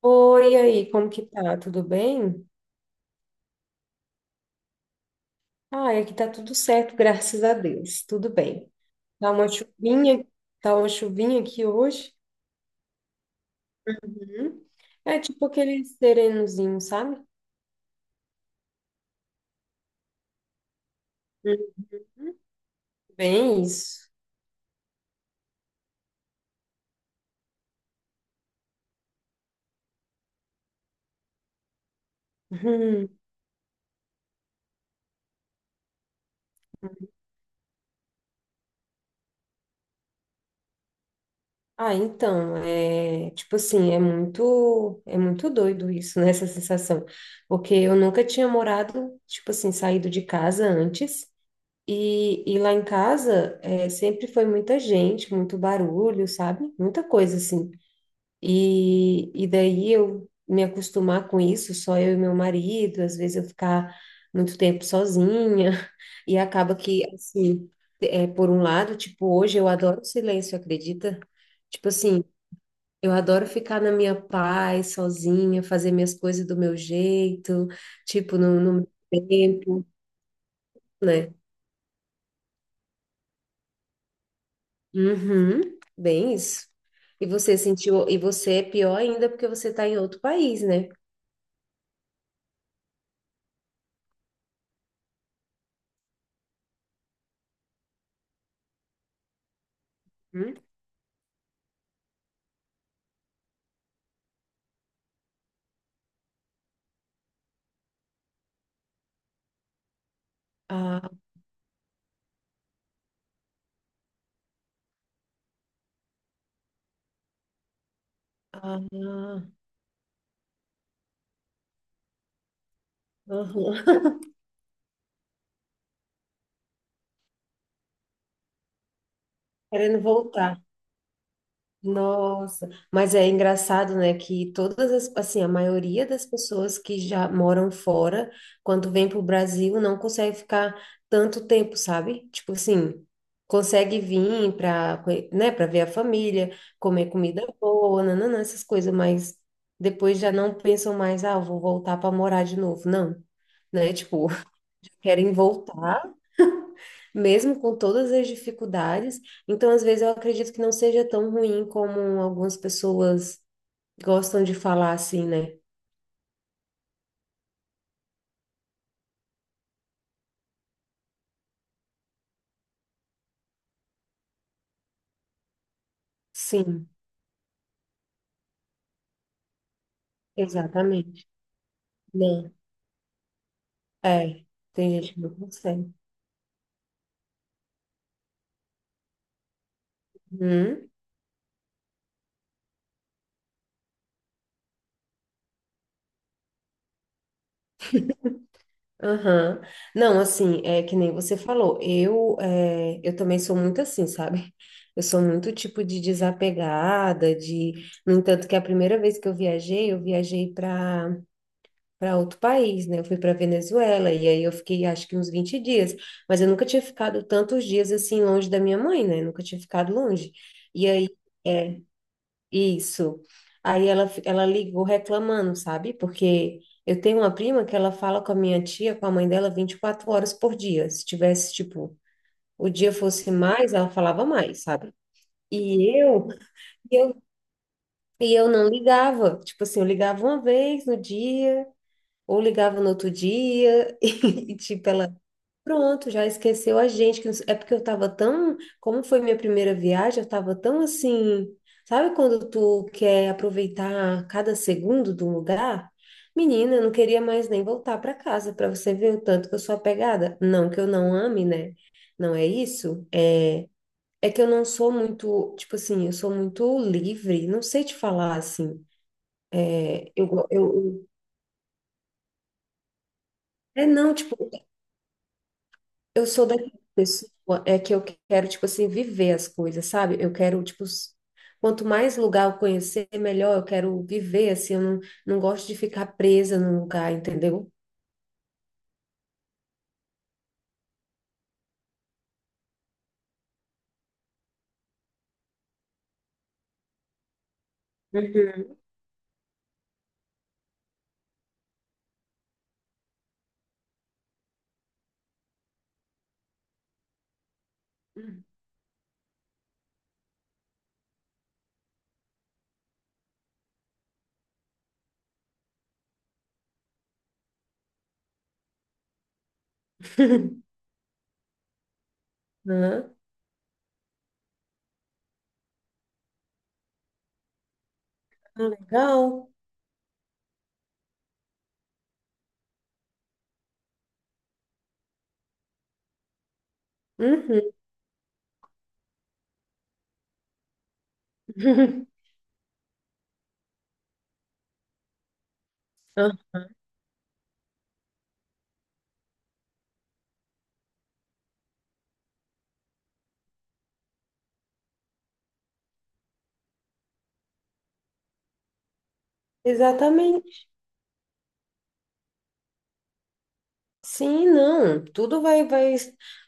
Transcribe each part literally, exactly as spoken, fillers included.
Oi, e aí, como que tá? Tudo bem? Ah, aqui tá tudo certo, graças a Deus. Tudo bem. Tá uma chuvinha, tá uma chuvinha aqui hoje. Uhum. É tipo aquele serenozinho, sabe? Uhum. Bem isso. Uhum. Ah, então, é tipo assim, é muito, é muito doido isso, né? Essa sensação. Porque eu nunca tinha morado, tipo assim, saído de casa antes. E, e lá em casa é, sempre foi muita gente, muito barulho, sabe? Muita coisa assim. E, e daí eu me acostumar com isso, só eu e meu marido, às vezes eu ficar muito tempo sozinha, e acaba que, assim, é, por um lado, tipo, hoje eu adoro o silêncio, acredita? Tipo assim, eu adoro ficar na minha paz, sozinha, fazer minhas coisas do meu jeito, tipo, no, no meu tempo, né? Uhum, bem isso. E você sentiu, e você é pior ainda porque você está em outro país, né? Hum? Ah, ah, ah, aham. Querendo voltar. Nossa, mas é engraçado, né, que todas as, assim, a maioria das pessoas que já moram fora, quando vem para o Brasil, não consegue ficar tanto tempo, sabe? Tipo assim, consegue vir para, né, para ver a família, comer comida boa, nananã, essas coisas, mas depois já não pensam mais, ah, eu vou voltar para morar de novo. Não, né? Tipo, querem voltar mesmo com todas as dificuldades. Então, às vezes, eu acredito que não seja tão ruim como algumas pessoas gostam de falar assim, né? Sim, exatamente. Não, é, tem gente que não consegue. Hum, aham. Não, assim, é que nem você falou, eu, é, eu também sou muito assim, sabe? Eu sou muito tipo de desapegada, de... No entanto, que a primeira vez que eu viajei, eu viajei para para outro país, né? Eu fui para Venezuela e aí eu fiquei acho que uns vinte dias, mas eu nunca tinha ficado tantos dias assim longe da minha mãe, né? Eu nunca tinha ficado longe. E aí é isso. Aí ela ela ligou reclamando, sabe? Porque eu tenho uma prima que ela fala com a minha tia, com a mãe dela vinte e quatro horas por dia. Se tivesse tipo o dia fosse mais, ela falava mais, sabe? E eu, e eu, e eu não ligava. Tipo assim, eu ligava uma vez no dia, ou ligava no outro dia e, tipo, ela, pronto, já esqueceu a gente. Que não sei- É porque eu tava tão, como foi minha primeira viagem, eu tava tão assim, sabe quando tu quer aproveitar cada segundo do lugar? Menina, eu não queria mais nem voltar para casa para você ver o tanto que eu sou apegada. Não que eu não ame, né? Não é isso? É, é que eu não sou muito, tipo assim, eu sou muito livre, não sei te falar assim. Eu, go- eu, eu- é não, tipo, eu sou daquela pessoa é que eu quero, tipo assim, viver as coisas, sabe? Eu quero, tipo, s- quanto mais lugar eu conhecer, melhor eu quero viver, assim, eu não, não gosto de ficar presa num lugar, entendeu? Uhum. Hã? Legal. Uhum. Ah, exatamente. Sim, não, tudo vai, vai,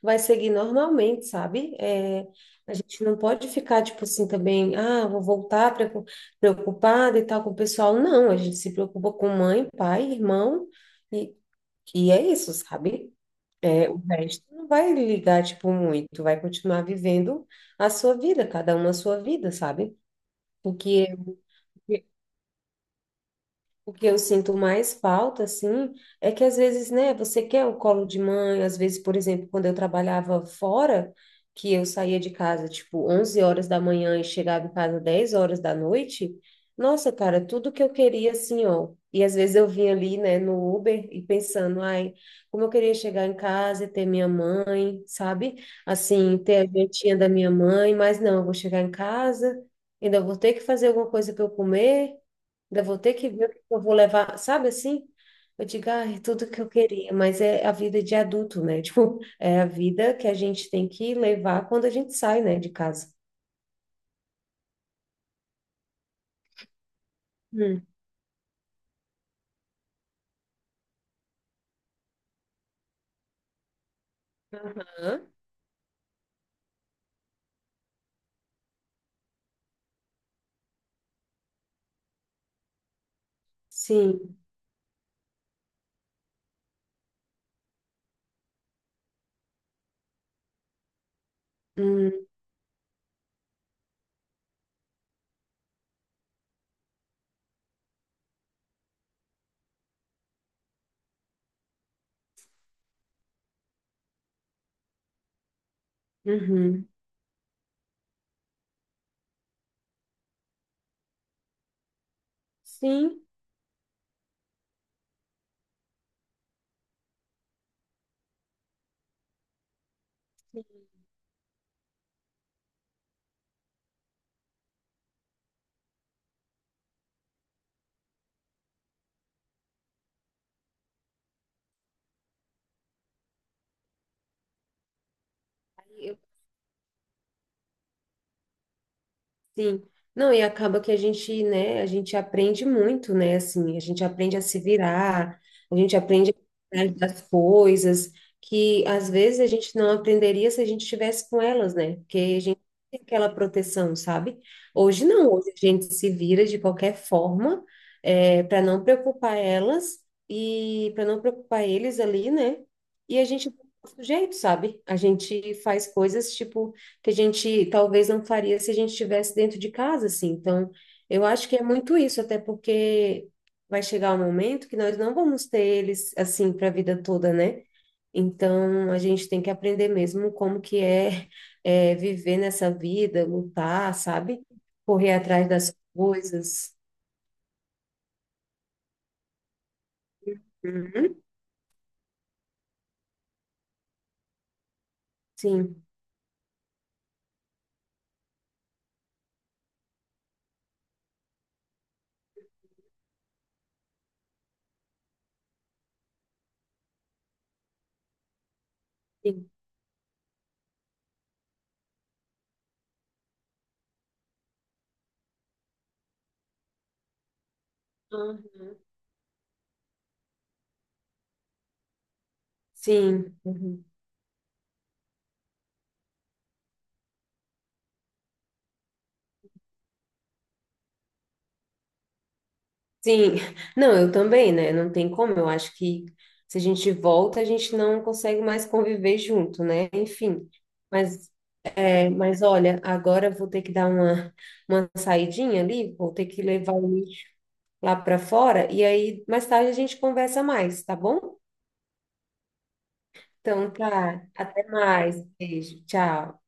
vai seguir normalmente, sabe? É, a gente não pode ficar, tipo assim, também, ah, vou voltar preocu- preocupada e tal com o pessoal. Não, a gente se preocupa com mãe, pai, irmão, e, e é isso, sabe? É, o resto não vai ligar, tipo, muito, vai continuar vivendo a sua vida, cada um a sua vida, sabe? O que O que eu sinto mais falta, assim, é que às vezes, né, você quer o colo de mãe, às vezes, por exemplo, quando eu trabalhava fora, que eu saía de casa, tipo, onze horas da manhã e chegava em casa dez horas da noite, nossa, cara, tudo que eu queria, assim, ó, e às vezes eu vinha ali, né, no Uber e pensando, ai, como eu queria chegar em casa e ter minha mãe, sabe? Assim, ter a jantinha da minha mãe, mas não, eu vou chegar em casa, ainda vou ter que fazer alguma coisa para eu comer, ainda vou ter que ver o que eu vou levar, sabe assim? Eu digo, ah, é tudo que eu queria, mas é a vida de adulto, né? Tipo, é a vida que a gente tem que levar quando a gente sai, né, de casa. Hum. Aham. Sim. Hum, uhum. Sim. Sim. Não, e acaba que a gente, né, a gente aprende muito, né, assim, a gente aprende a se virar, a gente aprende a cuidar das coisas que às vezes a gente não aprenderia se a gente estivesse com elas, né? Porque a gente tem aquela proteção, sabe? Hoje não, hoje a gente se vira de qualquer forma, é, para não preocupar elas e para não preocupar eles ali, né? E a gente do jeito, sabe? A gente faz coisas tipo que a gente talvez não faria se a gente estivesse dentro de casa, assim. Então, eu acho que é muito isso, até porque vai chegar um momento que nós não vamos ter eles assim para a vida toda, né? Então, a gente tem que aprender mesmo como que é, é, viver nessa vida, lutar, sabe? Correr atrás das coisas. Uhum. Sim, sim. Uhum. Sim. Uhum. Sim, não, eu também, né? Não tem como. Eu acho que se a gente volta, a gente não consegue mais conviver junto, né? Enfim. Mas, é, mas olha, agora eu vou ter que dar uma, uma saidinha ali, vou ter que levar o lixo lá para fora, e aí mais tarde a gente conversa mais, tá bom? Então tá, até mais. Beijo, tchau.